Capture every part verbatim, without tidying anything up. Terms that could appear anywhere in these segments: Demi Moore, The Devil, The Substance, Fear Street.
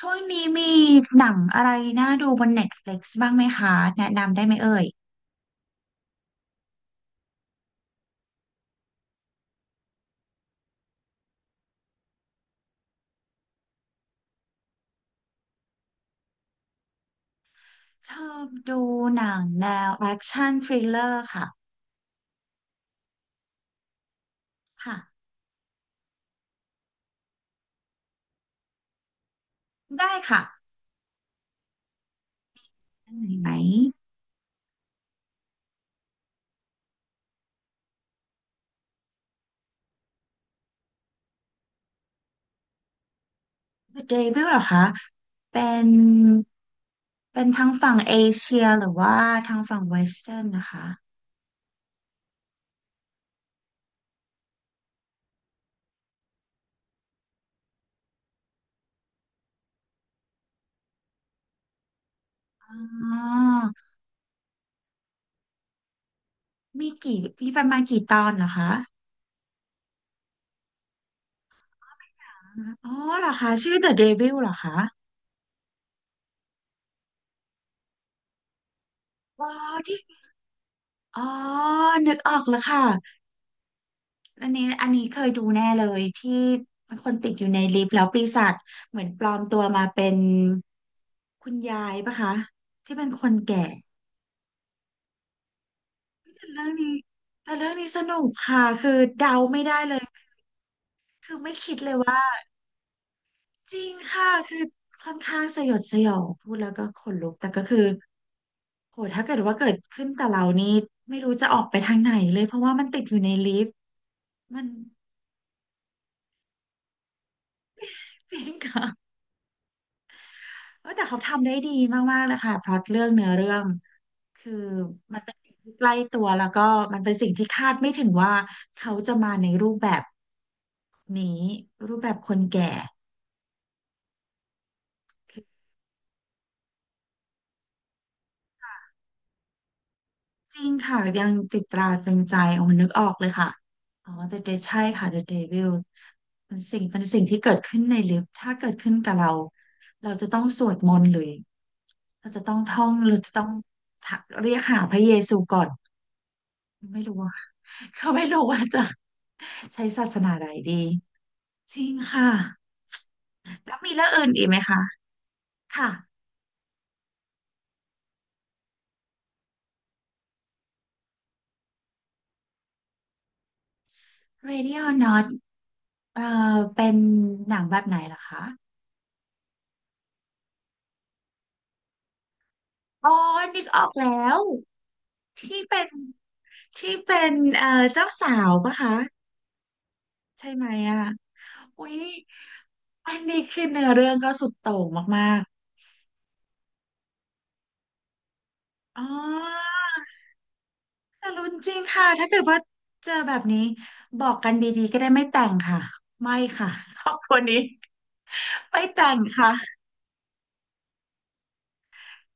ช่วงนี้มีหนังอะไรน่าดูบน Netflix บ้างไหมคะแนะนำได้ไหมเอ่ยชอบดูหนังแนวแอคชั่นทริลเลอร์ค่ะค่ะได้ค่ะอันไหนไหม The Devil เหรอคะเป็นเป็นทั้งฝั่งเอเชียหรือว่าทางฝั่งเวสเทิร์นนะคะอ๋อมีกี่มีประมาณกี่ตอนเหรอคะอ๋อเหรอคะชื่อ The Devil เหรอคะอ๋อที่อ๋อนึกออกแล้วค่ะ อันนี้อันนี้เคยดูแน่เลยที่คนติดอยู่ในลิฟต์แล้วปีศาจเหมือนปลอมตัวมาเป็นคุณยายปะคะที่เป็นคนแก่เรื่องนี้แต่เรื่องนี้สนุกค่ะคือเดาไม่ได้เลยคือไม่คิดเลยว่าจริงค่ะคือค่อนข้างสยดสยองพูดแล้วก็ขนลุกแต่ก็คือโหถ้าเกิดว่าเกิดขึ้นกับเรานี่ไม่รู้จะออกไปทางไหนเลยเพราะว่ามันติดอยู่ในลิฟต์มัน จริงค่ะเออแต่เขาทำได้ดีมากๆเลยค่ะพล็อตเรื่องเนื้อเรื่อง คือมันเป็นสิ่งที่ใกล้ตัวแล้วก็มันเป็นสิ่งที่คาดไม่ถึงว่าเขาจะมาในรูปแบบนี้รูปแบบคนแก่จริงค่ะยังติดตราตรึงใจโอ้นึกออกเลยค่ะอ๋อ เดอะ เดด ใช่ค่ะ เดอะ เดวิล เป็นสิ่งเป็นสิ่งที่เกิดขึ้นในลิฟต์ถ้าเกิดขึ้นกับเราเราจะต้องสวดมนต์หรือเราจะต้องท่องเราจะต้องเรียกหาพระเยซูก่อนไม่รู้ว่า เขาไม่รู้ว่าจะใช้ศาสนาใดดี จริงค่ะแล้วมีเรื่องอื่นอีกไหมคะค่ะ เรดิโอ น็อต เอ่อเป็นหนังแบบไหนล่ะคะอ๋อนึกออกแล้วที่เป็นที่เป็นเอ่อเจ้าสาวปะคะใช่ไหมอ่ะอุ๊ยอันนี้คือเนื้อเรื่องก็สุดโต่งมากๆอ๋อแต่รุนจริงค่ะถ้าเกิดว่าเจอแบบนี้บอกกันดีๆก็ได้ไม่แต่งค่ะไม่ค่ะ ครอบครัวนี้ไม่แต่งค่ะ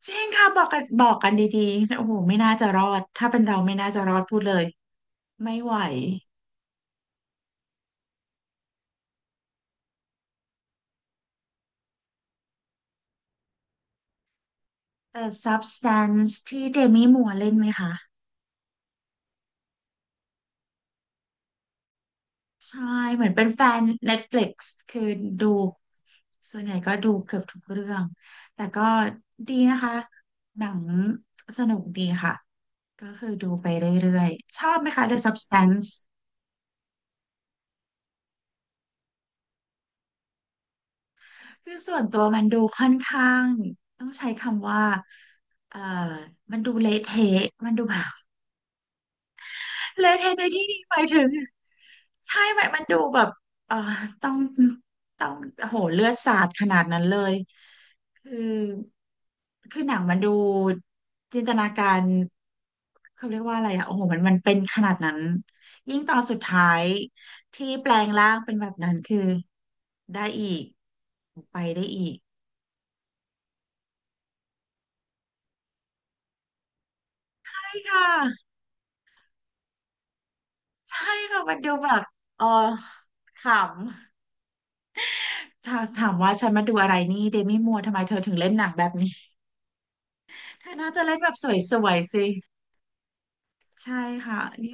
จริงค่ะบอกกันบอกกันดีๆโอ้โหไม่น่าจะรอด ถ้าเป็นเราไม่น่าจะรอดพูดเลยไม่ไหวแต่ Substance ที่เดมี่มัวร์เล่นไหมคะใช่เหมือนเป็นแฟน Netflix คือดูส่วนใหญ่ก็ดูเกือบทุกเรื่องแต่ก็ดีนะคะหนังสนุกดีค่ะก็คือดูไปเรื่อยๆชอบไหมคะ เดอะ ซับสแตนซ์ คือส่วนตัวมันดูค่อนข้างต้องใช้คำว่าเอ่อมันดูเละเทะมันดูแบบ เลอะเทอะในที่นี้หมายถึงใช่ไหมมันดูแบบเอ่อต้องต้องโอ้โหเลือดสาดขนาดนั้นเลยคือคือหนังมันดูจินตนาการเขาเรียกว่าอะไรอ่ะโอ้โหมันมันเป็นขนาดนั้นยิ่งตอนสุดท้ายที่แปลงร่างเป็นแบบนั้นคือได้อีกไปได้อีกใช่ค่ะใช่ค่ะมันดูแบบเออขำ ถ้าถามว่าฉันมาดูอะไรนี่เดมี่มัวร์ทำไมเธอถึงเล่นหนังแบบนี้เธอน่าจะเล่นแบบสวยๆสิใช่ค่ะนี่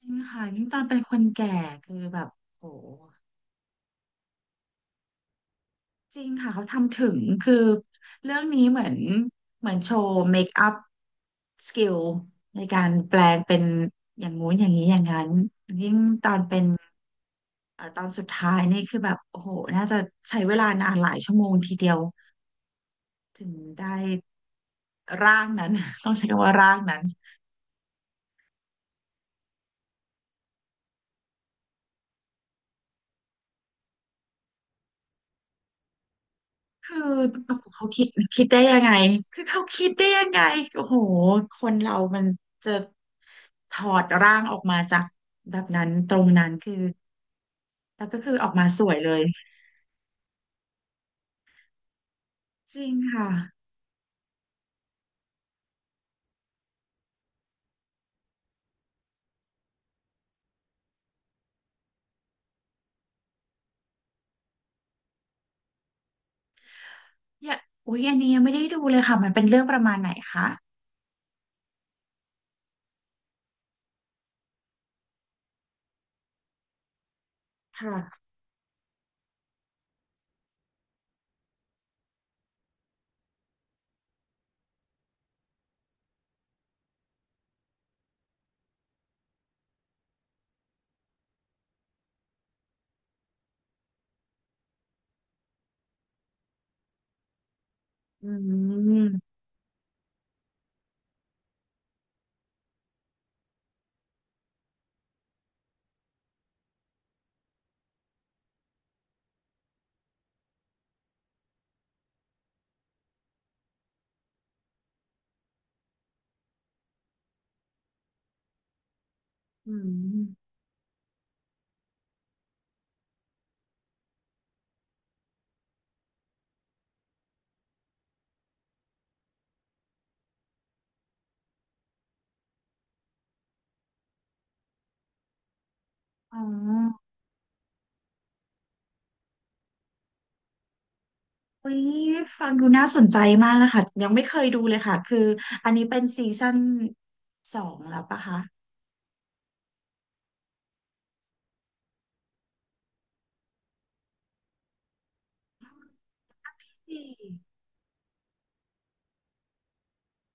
จริงค่ะยิ่งตอนเป็นคนแก่คือแบบโอ้จริงค่ะเขาทำถึงคือเรื่องนี้เหมือนเหมือนโชว์เมคอัพสกิลในการแปลงเป็นอย่างงู้นอย่างนี้อย่างนั้นยิ่งตอนเป็นเอ่อตอนสุดท้ายนี่คือแบบโอ้โหน่าจะใช้เวลานานหลายชั่วโมงทีเดียว ถึงได้ร่างนั้น ต้องใช้คำว่าร่างนั้นคือโอ้โหเขาคิดคิดได้ยังไงคือเขาคิดได้ยังไงโอ้โหคนเรามันจะถอดร่างออกมาจากแบบนั้นตรงนั้นคือแล้วก็คือออกมาสวยเลยจริงค่ะอย่าอุ๊ยอันนี้ยังไม่ได้ดูเลยค่ะมันเป็นเรื่องประมาณไหนคะค่ะอืมอืมอ๋อ อุ๊ยฟังดูน่าสนใจมากเลยค่ะยังไม่เคยดูเลยค่ะคืออันนี้เป็นซีซั่นสองแล้วปะคะสี่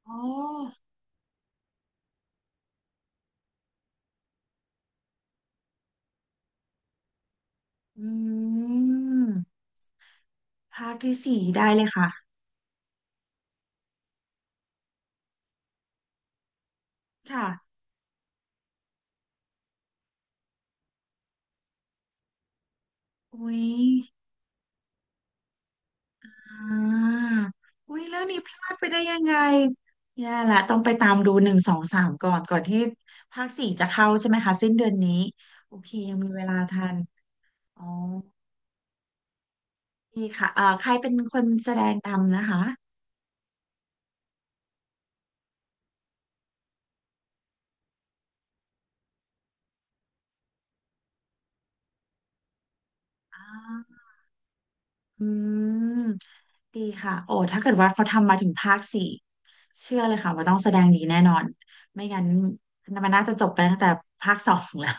อ๋ออืมภาคที่สี่ได้เลยค่ะค่ะอุ๊ยอ่าอุ๊ยเรื่องนี้พลาดไปได้ยังไงแย่ละต้องไปตามดูหนึ่งสองสามก่อนก่อนที่ภาคสี่จะเข้าใช่ไหมคะสิ้นเดือนนี้โอเคยังมีเวลาทันอ๋อดีค่ะเอ่อใครเป็นคนแสดงนำนะคะอ่า อืมดีค่ะโอ้ถ้าเกิดว่าเขาทำมาถึงภาคสี่เชื่อเลยค่ะว่าต้องแสดงดีแน่นอนไม่งั้นมันน่าจะจบไปตั้งแต่ภาคสองแล้ว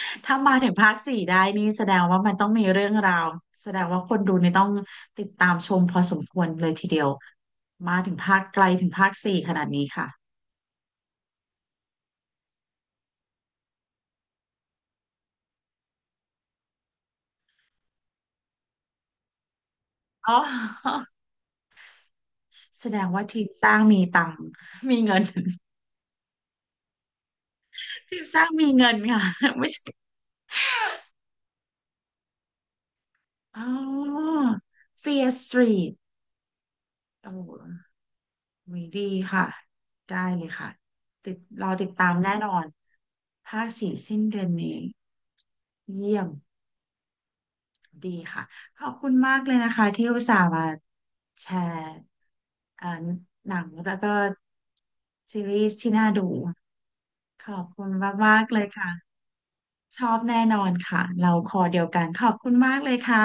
ถ้ามาถึงภาคสี่ได้นี่แสดงว่ามันต้องมีเรื่องราวแสดงว่าคนดูนี่ต้องติดตามชมพอสมควรเลยทีเดียวมาถึงภาคไกลถึงภาคสี่ขนาดนี้ค่ะอ๋อ แสดงว่าทีมสร้างมีตังค์มีเงิน ทีมสร้างมีเงินค่ะ ไม่ใช่อ๋อ เฟียร์ สตรีท โอ้ อุ๊ยดีค่ะได้เลยค่ะติดรอติดตามแน่นอนภาคสี่สิ้นเดือนนี้เยี่ยมดีค่ะขอบคุณมากเลยนะคะที่อุตส่าห์มาแชร์เอ่อหนังแล้วก็ซีรีส์ที่น่าดูขอบคุณมากๆเลยค่ะ ชอบแน่นอนค่ะเราคอเดียวกันขอบคุณมากเลยค่ะ